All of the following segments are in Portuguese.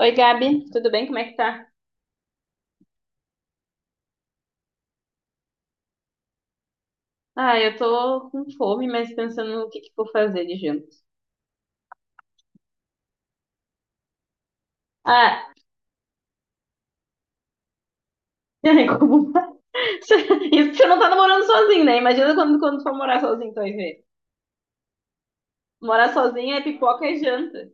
Oi, Gabi, tudo bem? Como é que tá? Ah, eu tô com fome, mas pensando no que eu vou fazer de janta. Ah, como... Isso que você não tá namorando sozinho, né? Imagina quando for morar sozinho, tu vai ver. Morar sozinho é pipoca e janta,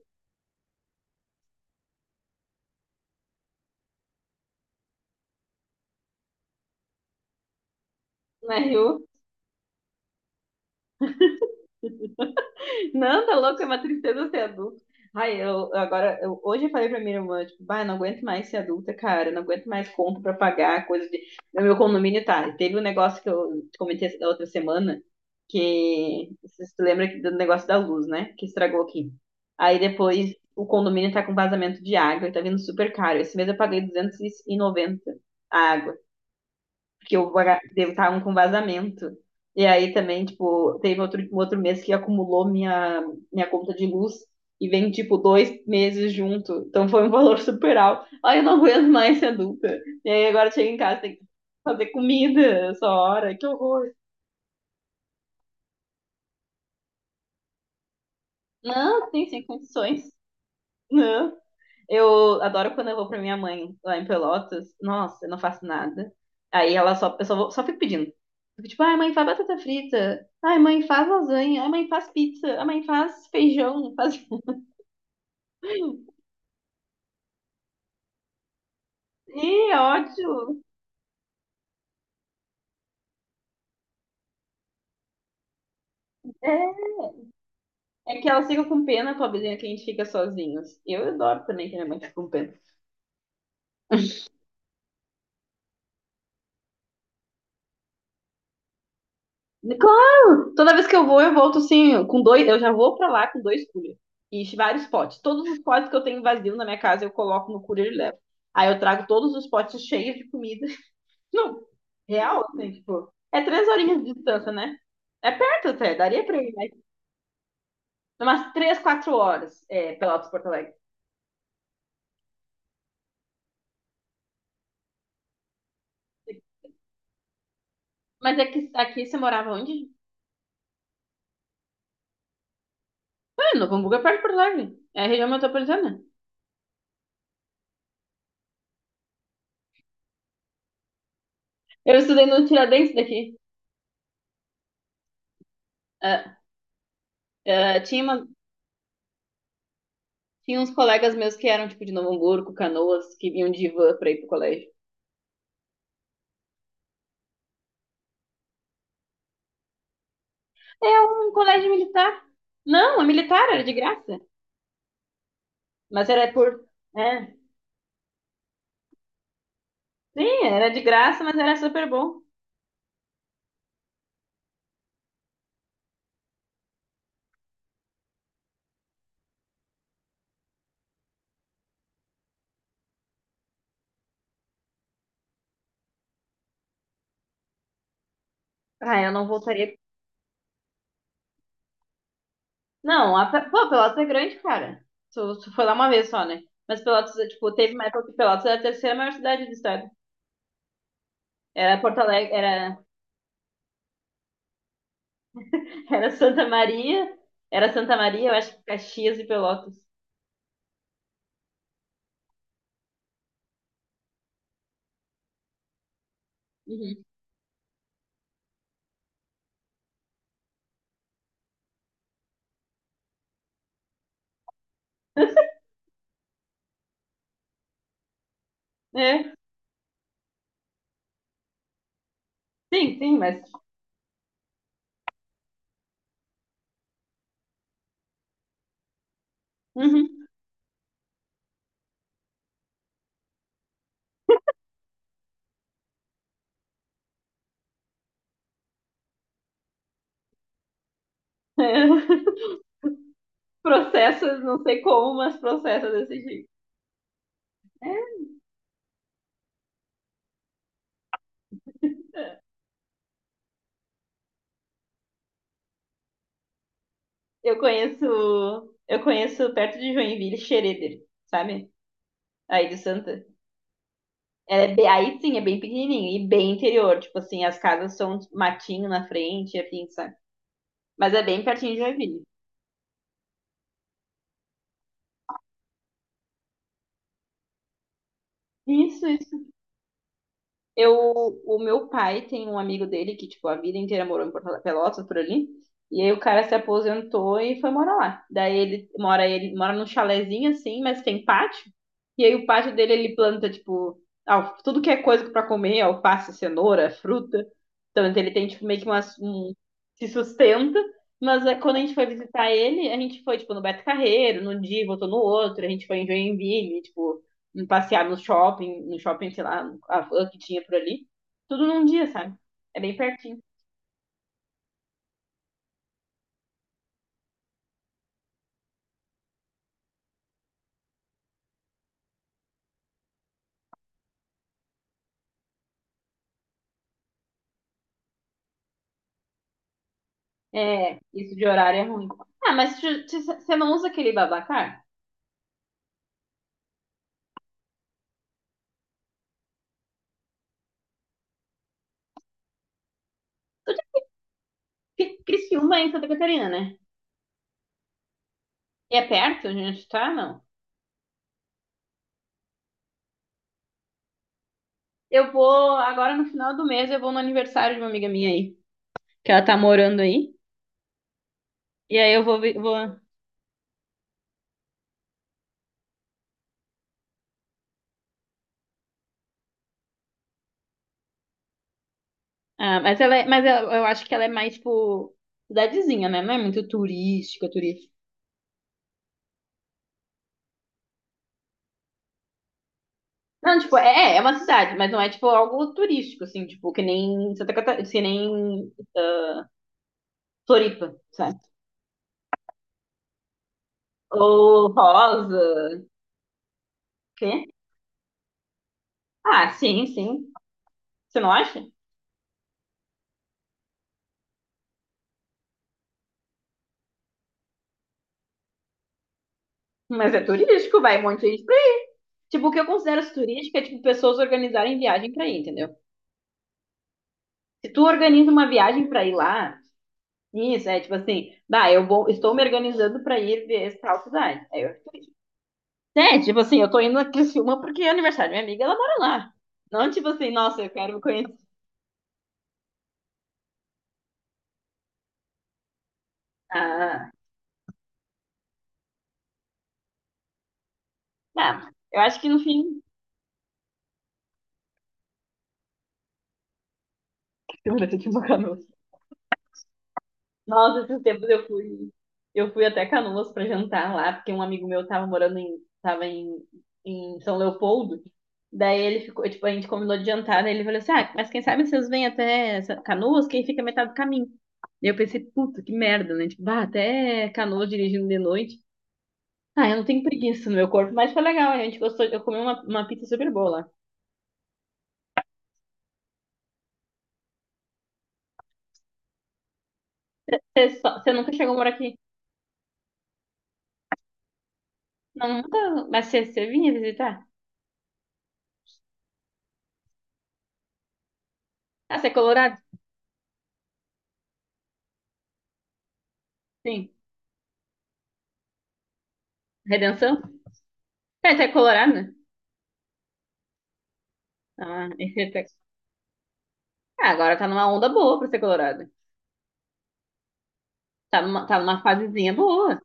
né, Rio? Não, tá louco, é uma tristeza ser adulto. Ai, eu agora, hoje eu falei pra minha irmã, tipo, vai, não aguento mais ser adulta, cara, não aguento mais conta pra pagar, coisa de. No meu condomínio tá. Teve um negócio que eu te comentei da outra semana, que você se lembra do negócio da luz, né? Que estragou aqui. Aí depois o condomínio tá com vazamento de água e tá vindo super caro. Esse mês eu paguei 290 a que eu estavam com vazamento. E aí também, tipo, teve outro, um outro mês que acumulou minha conta de luz e vem, tipo, 2 meses junto. Então foi um valor super alto. Ai, eu não aguento mais ser adulta. E aí agora chega em casa, tem que fazer comida essa hora. Que horror. Não, tem sem condições. Não. Eu adoro quando eu vou pra minha mãe lá em Pelotas. Nossa, eu não faço nada. Aí ela só, eu só, vou, só fico pedindo. Fico tipo, ai, mãe, faz batata frita. Ai, mãe, faz lasanha. Ai, mãe, faz pizza. Ai, mãe, faz feijão. Faz... Ih, ótimo. É. É que elas ficam com pena, pobrezinha, que a gente fica sozinhos. Eu adoro também que minha mãe fica com pena. Claro! Toda vez que eu vou, eu volto assim, com dois. Eu já vou pra lá com dois coolers. E vários potes. Todos os potes que eu tenho vazio na minha casa, eu coloco no cooler e levo. Aí eu trago todos os potes cheios de comida. Não, real, assim, tipo. É 3 horinhas de distância, né? É perto até, daria pra ir, mas umas 3, 4 horas, é, Pelotas, Porto Alegre. Mas é que aqui você morava onde? Ah, Novo Hamburgo é perto de Porto Alegre. É a região metropolitana. Eu estudei no Tiradentes daqui. Ah, ah, tinha uma, tinha uns colegas meus que eram, tipo, de Novo Hamburgo, Canoas, que vinham de van pra ir pro colégio. É um colégio militar. Não, é militar, era de graça. Mas era por. É. Sim, era de graça, mas era super bom. Ah, eu não voltaria. Não, a... pô, Pelotas é grande, cara. Tu, tu foi lá uma vez só, né? Mas Pelotas, é, tipo, teve uma época que Pelotas era a terceira maior cidade do estado. Era Porto Alegre, era, era Santa Maria, era Santa Maria, eu acho que Caxias e Pelotas. Uhum. É, sim, sim, mas. Uhum. É. Processa, não sei como, mas processa desse jeito. É. Eu conheço, eu conheço perto de Joinville, Xereder, sabe? Aí de Santa. É, aí sim, é bem pequenininho e bem interior. Tipo assim, as casas são matinho na frente, assim, sabe? Mas é bem pertinho de Joinville. Isso, isso. Eu, o meu pai tem um amigo dele que, tipo, a vida inteira morou em Porto Pelotas, por ali. E aí o cara se aposentou e foi morar lá. Daí ele mora num chalezinho assim, mas tem pátio. E aí o pátio dele ele planta, tipo, tudo que é coisa pra comer, alface, cenoura, fruta. Então ele tem, tipo, meio que umas, um, se sustenta. Mas é, quando a gente foi visitar ele, a gente foi, tipo, no Beto Carreiro, num dia, e voltou no outro, a gente foi em Joinville, tipo em passear no shopping, no shopping, sei lá, a van que tinha por ali. Tudo num dia, sabe? É bem pertinho. É, isso de horário é ruim. Ah, mas você não usa aquele Babacar? Porque Criciúma é em Santa Catarina, né? E é perto onde a gente tá? Não. Eu vou, agora no final do mês, eu vou no aniversário de uma amiga minha aí, que ela tá morando aí. E aí eu vou, vou... Ah, mas ela é, mas ela- eu acho que ela é mais, tipo, cidadezinha, né? Não é muito turística, turística. Não, tipo, é, é uma cidade, mas não é, tipo, algo turístico, assim, tipo, que nem Santa Catarina, que nem Floripa, sabe? Ou Rosa, quê? Ah, sim, sim. Você não acha? Mas é turístico, vai um monte de gente pra ir. Tipo, o que eu considero turístico é, tipo, pessoas organizarem viagem pra ir, entendeu? Se tu organiza uma viagem pra ir lá, isso, é, tipo assim, bah, eu vou, estou me organizando pra ir ver tal cidade. Aí eu, é, tipo assim, eu tô indo a Criciúma porque é aniversário da minha amiga, ela mora lá. Não, tipo assim, nossa, eu quero conhecer. Ah, ah, eu acho que no fim. Segurança de uma Canoas. Nossa, esses tempos eu fui. Eu fui até Canoas pra jantar lá, porque um amigo meu tava morando em. Tava em, em São Leopoldo. Daí ele ficou, tipo, a gente combinou de jantar, daí ele falou assim, ah, mas quem sabe vocês vêm até Canoas, quem fica metade do caminho. Daí eu pensei, puta, que merda, né? Tipo, bah, até Canoas dirigindo de noite. Ah, eu não tenho preguiça no meu corpo, mas foi legal, a gente gostou, eu comi uma pizza super boa lá. Você você nunca chegou a morar aqui? Não, nunca, mas você, você vinha visitar? Ah, você é colorado? Sim. Redenção? É, você é colorado, né? Ah, ah, agora tá numa onda boa pra ser colorado. Tá numa fasezinha boa.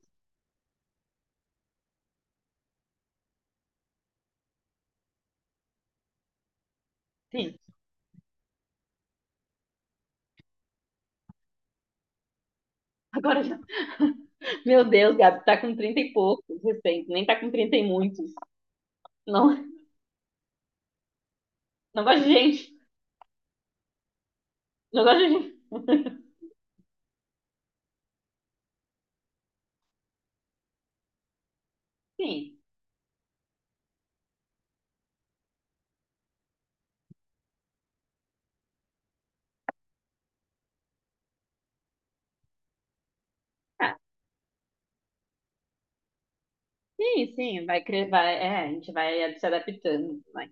Sim. Agora já. Meu Deus, Gabi, tá com 30 e poucos, recente. Nem tá com 30 e muitos. Não, não gosto de gente. Não gosto de gente. Sim. Ah, sim, sim. Vai, vai, é, a gente vai se adaptando. Vai.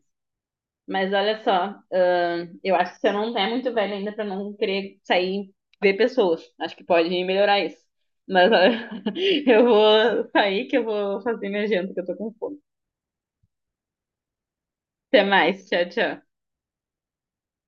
Mas olha só, eu acho que você não é muito velho ainda pra não querer sair e ver pessoas. Acho que pode melhorar isso. Mas olha, eu vou sair que eu vou fazer minha janta, que eu tô com fome. Até mais, tchau, tchau.